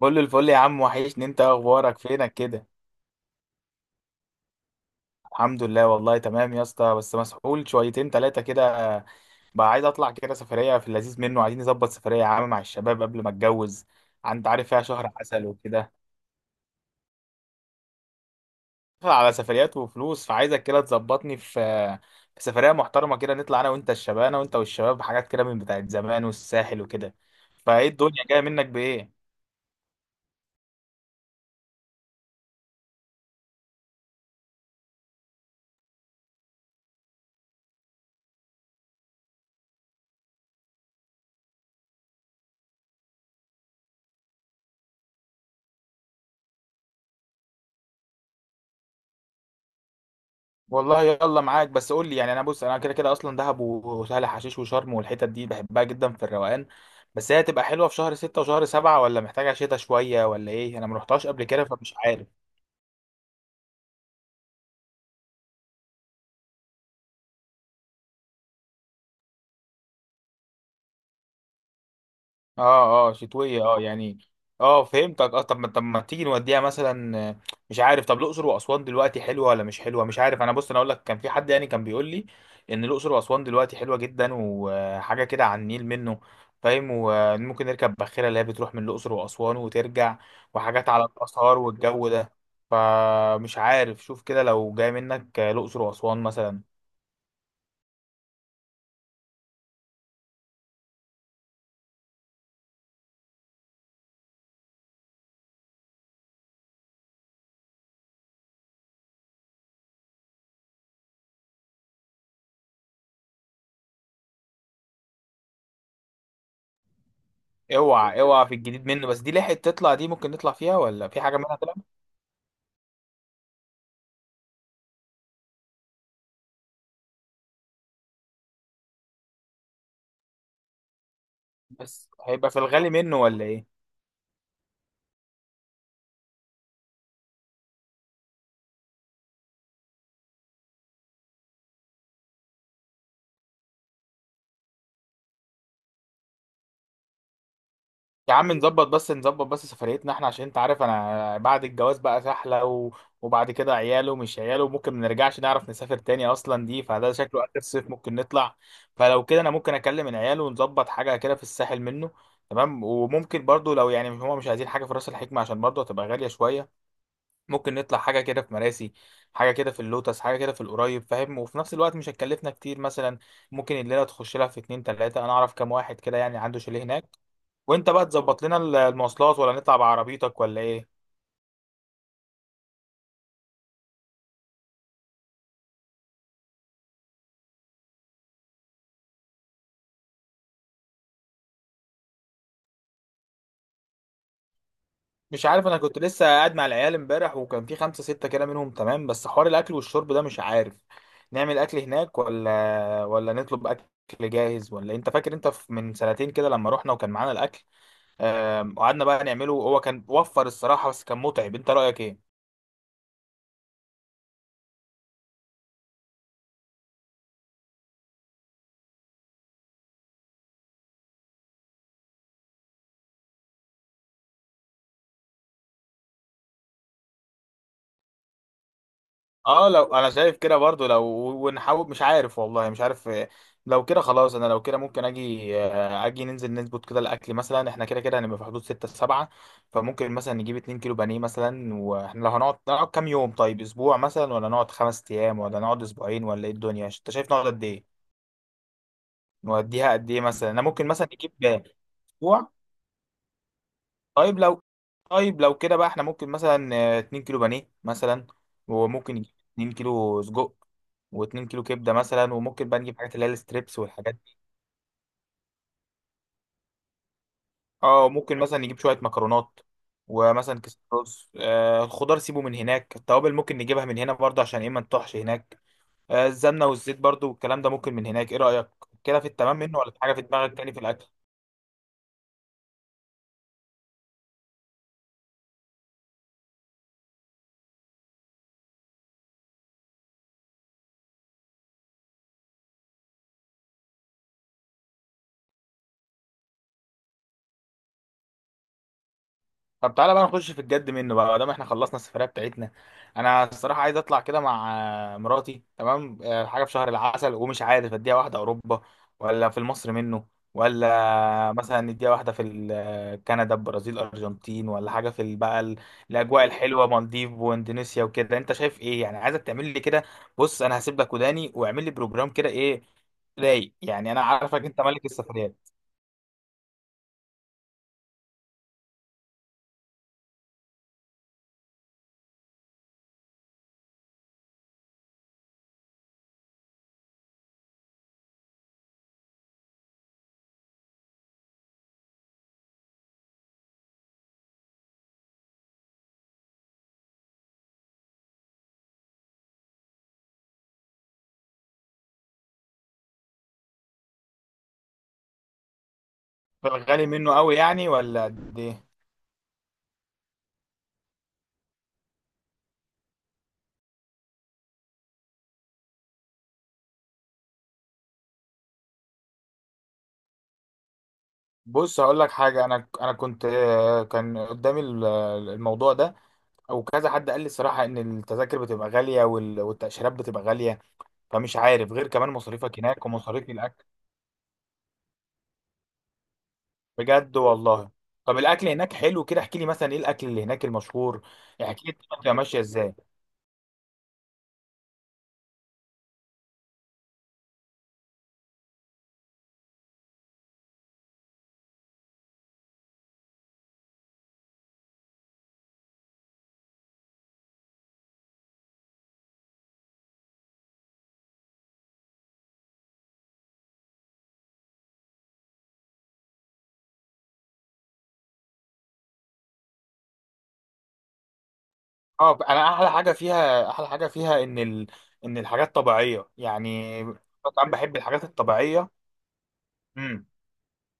كل الفل يا عم، وحشني. انت اخبارك؟ فينك كده؟ الحمد لله والله تمام يا اسطى، بس مسحول شويتين تلاتة كده. بقى عايز اطلع كده سفرية في اللذيذ منه، عايزين نظبط سفرية يا عم مع الشباب قبل ما اتجوز. انت عارف، فيها شهر عسل وكده. على سفريات وفلوس، فعايزك كده تظبطني في سفرية محترمة كده، نطلع انا وانت الشباب، انا وانت والشباب، حاجات كده من بتاعت زمان والساحل وكده. فايه الدنيا جاية منك بايه؟ والله يلا معاك، بس قول لي يعني. انا بص كده كده اصلا دهب وسهل حشيش وشرم والحتت دي بحبها جدا في الروقان. بس هي هتبقى حلوه في شهر ستة وشهر سبعة، ولا محتاجه شتاء شويه ولا ايه؟ انا ما رحتهاش قبل كده فمش عارف. اه اه شتوية اه يعني. اه فهمتك اه. طب ما تيجي نوديها مثلا؟ مش عارف. طب الأقصر وأسوان دلوقتي حلوة ولا مش حلوة؟ مش عارف. انا بص، انا اقول لك كان في حد يعني كان بيقول لي ان الأقصر وأسوان دلوقتي حلوة جدا، وحاجة كده على النيل منه فاهم، وممكن نركب باخرة اللي هي بتروح من الأقصر وأسوان وترجع، وحاجات على الآثار والجو ده. فمش عارف، شوف كده لو جاي منك الأقصر وأسوان مثلا. اوعى اوعى في الجديد منه، بس دي لحقت تطلع؟ دي ممكن نطلع فيها ولا في حاجة منها؟ بس هيبقى في الغالي منه ولا ايه؟ يا عم نظبط بس، نظبط بس. سفريتنا احنا، عشان انت عارف انا بعد الجواز بقى سحلة وبعد كده عياله ومش عياله، وممكن ما نرجعش نعرف نسافر تاني اصلا دي. فده شكله اخر صيف ممكن نطلع. فلو كده انا ممكن اكلم العيال ونظبط حاجة كده في الساحل منه، تمام. وممكن برضو لو يعني هما مش عايزين حاجة في راس الحكمة، عشان برضو هتبقى غالية شوية، ممكن نطلع حاجة كده في مراسي، حاجة كده في اللوتس، حاجة كده في القريب فاهم، وفي نفس الوقت مش هتكلفنا كتير مثلا. ممكن الليلة تخش لها في اتنين تلاتة، أنا أعرف كام واحد كده يعني عنده شاليه هناك. وأنت بقى تظبط لنا المواصلات، ولا نطلع بعربيتك ولا إيه؟ مش عارف، أنا كنت لسه قاعد مع العيال امبارح وكان في خمسة ستة كده منهم تمام. بس حوار الأكل والشرب ده مش عارف نعمل أكل هناك ولا نطلب أكل جاهز، ولا أنت فاكر أنت من 2 سنتين كده لما رحنا وكان معانا الأكل؟ قعدنا بقى نعمله، هو كان وفر الصراحة بس كان متعب. أنت رأيك إيه؟ اه لو انا شايف كده برضو لو، ونحاول مش عارف، والله مش عارف. لو كده خلاص، انا لو كده ممكن اجي، اجي ننزل نظبط كده الاكل مثلا. احنا كده كده هنبقى في حدود ستة سبعة، فممكن مثلا نجيب 2 كيلو بانيه مثلا. واحنا لو هنقعد، نقعد كام يوم؟ طيب اسبوع مثلا، ولا نقعد 5 ايام، ولا نقعد 2 اسبوعين، ولا ايه الدنيا؟ انت شايف نقعد قد ايه؟ نوديها قد ايه مثلا؟ انا ممكن مثلا نجيب اسبوع. طيب لو طيب لو كده بقى، احنا ممكن مثلا 2 كيلو بانيه مثلا، وممكن نجيب 2 كيلو سجق، و2 كيلو كبده مثلا. وممكن بقى نجيب حاجات اللي هي الستريبس والحاجات دي. اه ممكن مثلا نجيب شويه مكرونات، ومثلا كيس رز. آه الخضار سيبه من هناك، التوابل ممكن نجيبها من هنا برضه عشان ايه ما نطحش هناك. آه السمنه والزيت برضه والكلام ده ممكن من هناك. ايه رايك؟ كده في التمام منه، ولا في حاجه في دماغك تاني في الاكل؟ طب تعالى بقى نخش في الجد منه بقى، ما دام احنا خلصنا السفرية بتاعتنا. انا الصراحة عايز اطلع كده مع مراتي تمام، حاجة في شهر العسل، ومش عارف اديها واحدة اوروبا، ولا في مصر منه، ولا مثلا نديها واحدة في كندا، البرازيل، ارجنتين، ولا حاجة في الاجواء الحلوة، مالديف واندونيسيا وكده؟ انت شايف ايه يعني؟ عايزك تعمل لي كده، بص انا هسيب لك وداني واعمل لي بروجرام كده ايه، رايق يعني. انا عارفك انت ملك السفريات. في الغالي منه قوي يعني، ولا قد ايه؟ بص هقول لك حاجه، انا كنت كان قدامي الموضوع ده، او كذا حد قال لي الصراحه ان التذاكر بتبقى غاليه، والتاشيرات بتبقى غاليه، فمش عارف غير كمان مصاريفك هناك ومصاريف الاكل. بجد والله. طب الاكل هناك حلو؟ كده احكي لي مثلا ايه الاكل اللي هناك المشهور. احكي لي الدنيا بتبقى ماشيه ازاي. اه انا احلى حاجه فيها، ان الحاجات طبيعيه يعني. طبعا بحب الحاجات الطبيعيه. امم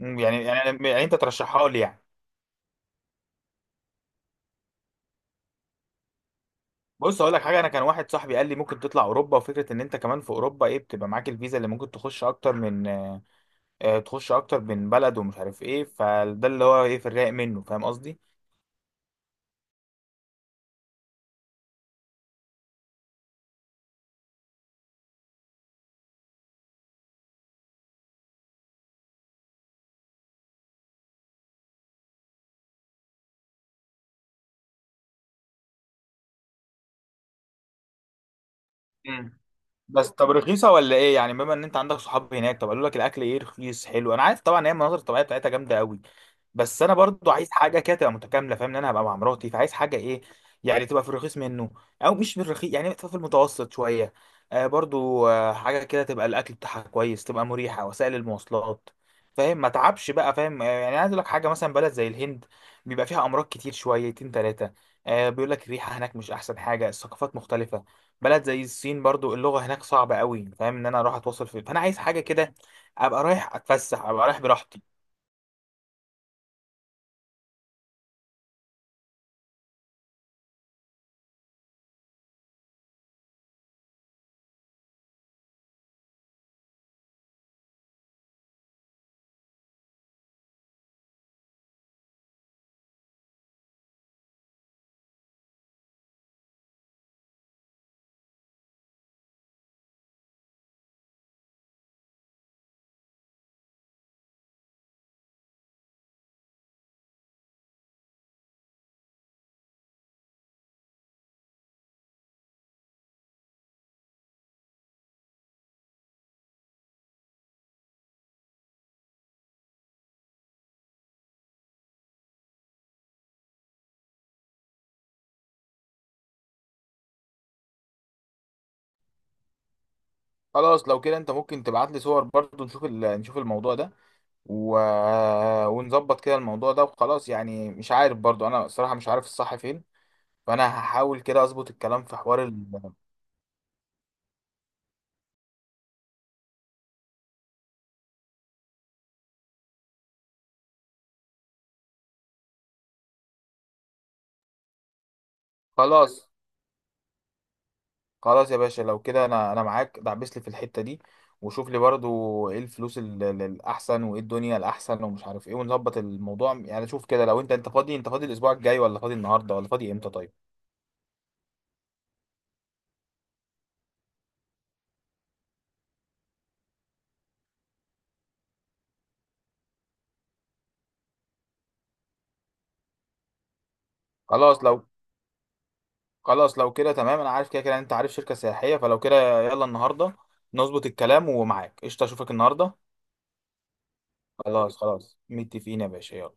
يعني يعني انت ترشحها لي يعني؟ بص اقول لك حاجه، انا كان واحد صاحبي قال لي ممكن تطلع اوروبا، وفكره ان انت كمان في اوروبا ايه، بتبقى معاك الفيزا اللي ممكن تخش اكتر من تخش اكتر من بلد، ومش عارف ايه. فده اللي هو ايه، في الرايق منه فاهم قصدي. مم. بس طب رخيصه ولا ايه يعني، بما ان انت عندك صحاب هناك؟ طب قالوا لك الاكل ايه، رخيص حلو؟ انا عارف طبعا هي المناظر الطبيعيه بتاعتها جامده قوي، بس انا برضو عايز حاجه كده تبقى متكامله فاهم، ان انا هبقى مع مراتي فعايز حاجه ايه، يعني تبقى في الرخيص منه، او مش في الرخيص يعني تبقى في المتوسط شويه. آه برضو آه حاجه كده تبقى الاكل بتاعها كويس، تبقى مريحه وسائل المواصلات فاهم، ما تعبش بقى فاهم. آه يعني عايز اقول لك حاجه، مثلا بلد زي الهند بيبقى فيها امراض كتير شويتين ثلاثه، آه بيقول لك الريحه هناك مش احسن حاجه، الثقافات مختلفه. بلد زي الصين برضو اللغه هناك صعبه قوي، فاهم ان انا اروح اتواصل في، فانا عايز حاجه كده ابقى رايح اتفسح، ابقى رايح براحتي. خلاص لو كده انت ممكن تبعت لي صور برضو، نشوف نشوف الموضوع ده و... آه، ونظبط كده الموضوع ده وخلاص. يعني مش عارف برضو، انا الصراحة مش عارف الصح فين، فانا هحاول كده اظبط الكلام في حوار خلاص خلاص يا باشا، لو كده انا معاك، دعبس لي في الحتة دي، وشوف لي برضو ايه الفلوس الاحسن، وايه الدنيا الاحسن، ومش عارف ايه، ونظبط الموضوع. يعني شوف كده لو انت، انت فاضي الاسبوع الجاي، ولا فاضي النهارده، ولا فاضي امتى؟ طيب. خلاص لو خلاص لو كده تمام. انا عارف كده كده انت عارف شركة سياحية، فلو كده يلا النهاردة نظبط الكلام، ومعاك قشطة اشوفك النهاردة. خلاص متفقين يا باشا، يلا.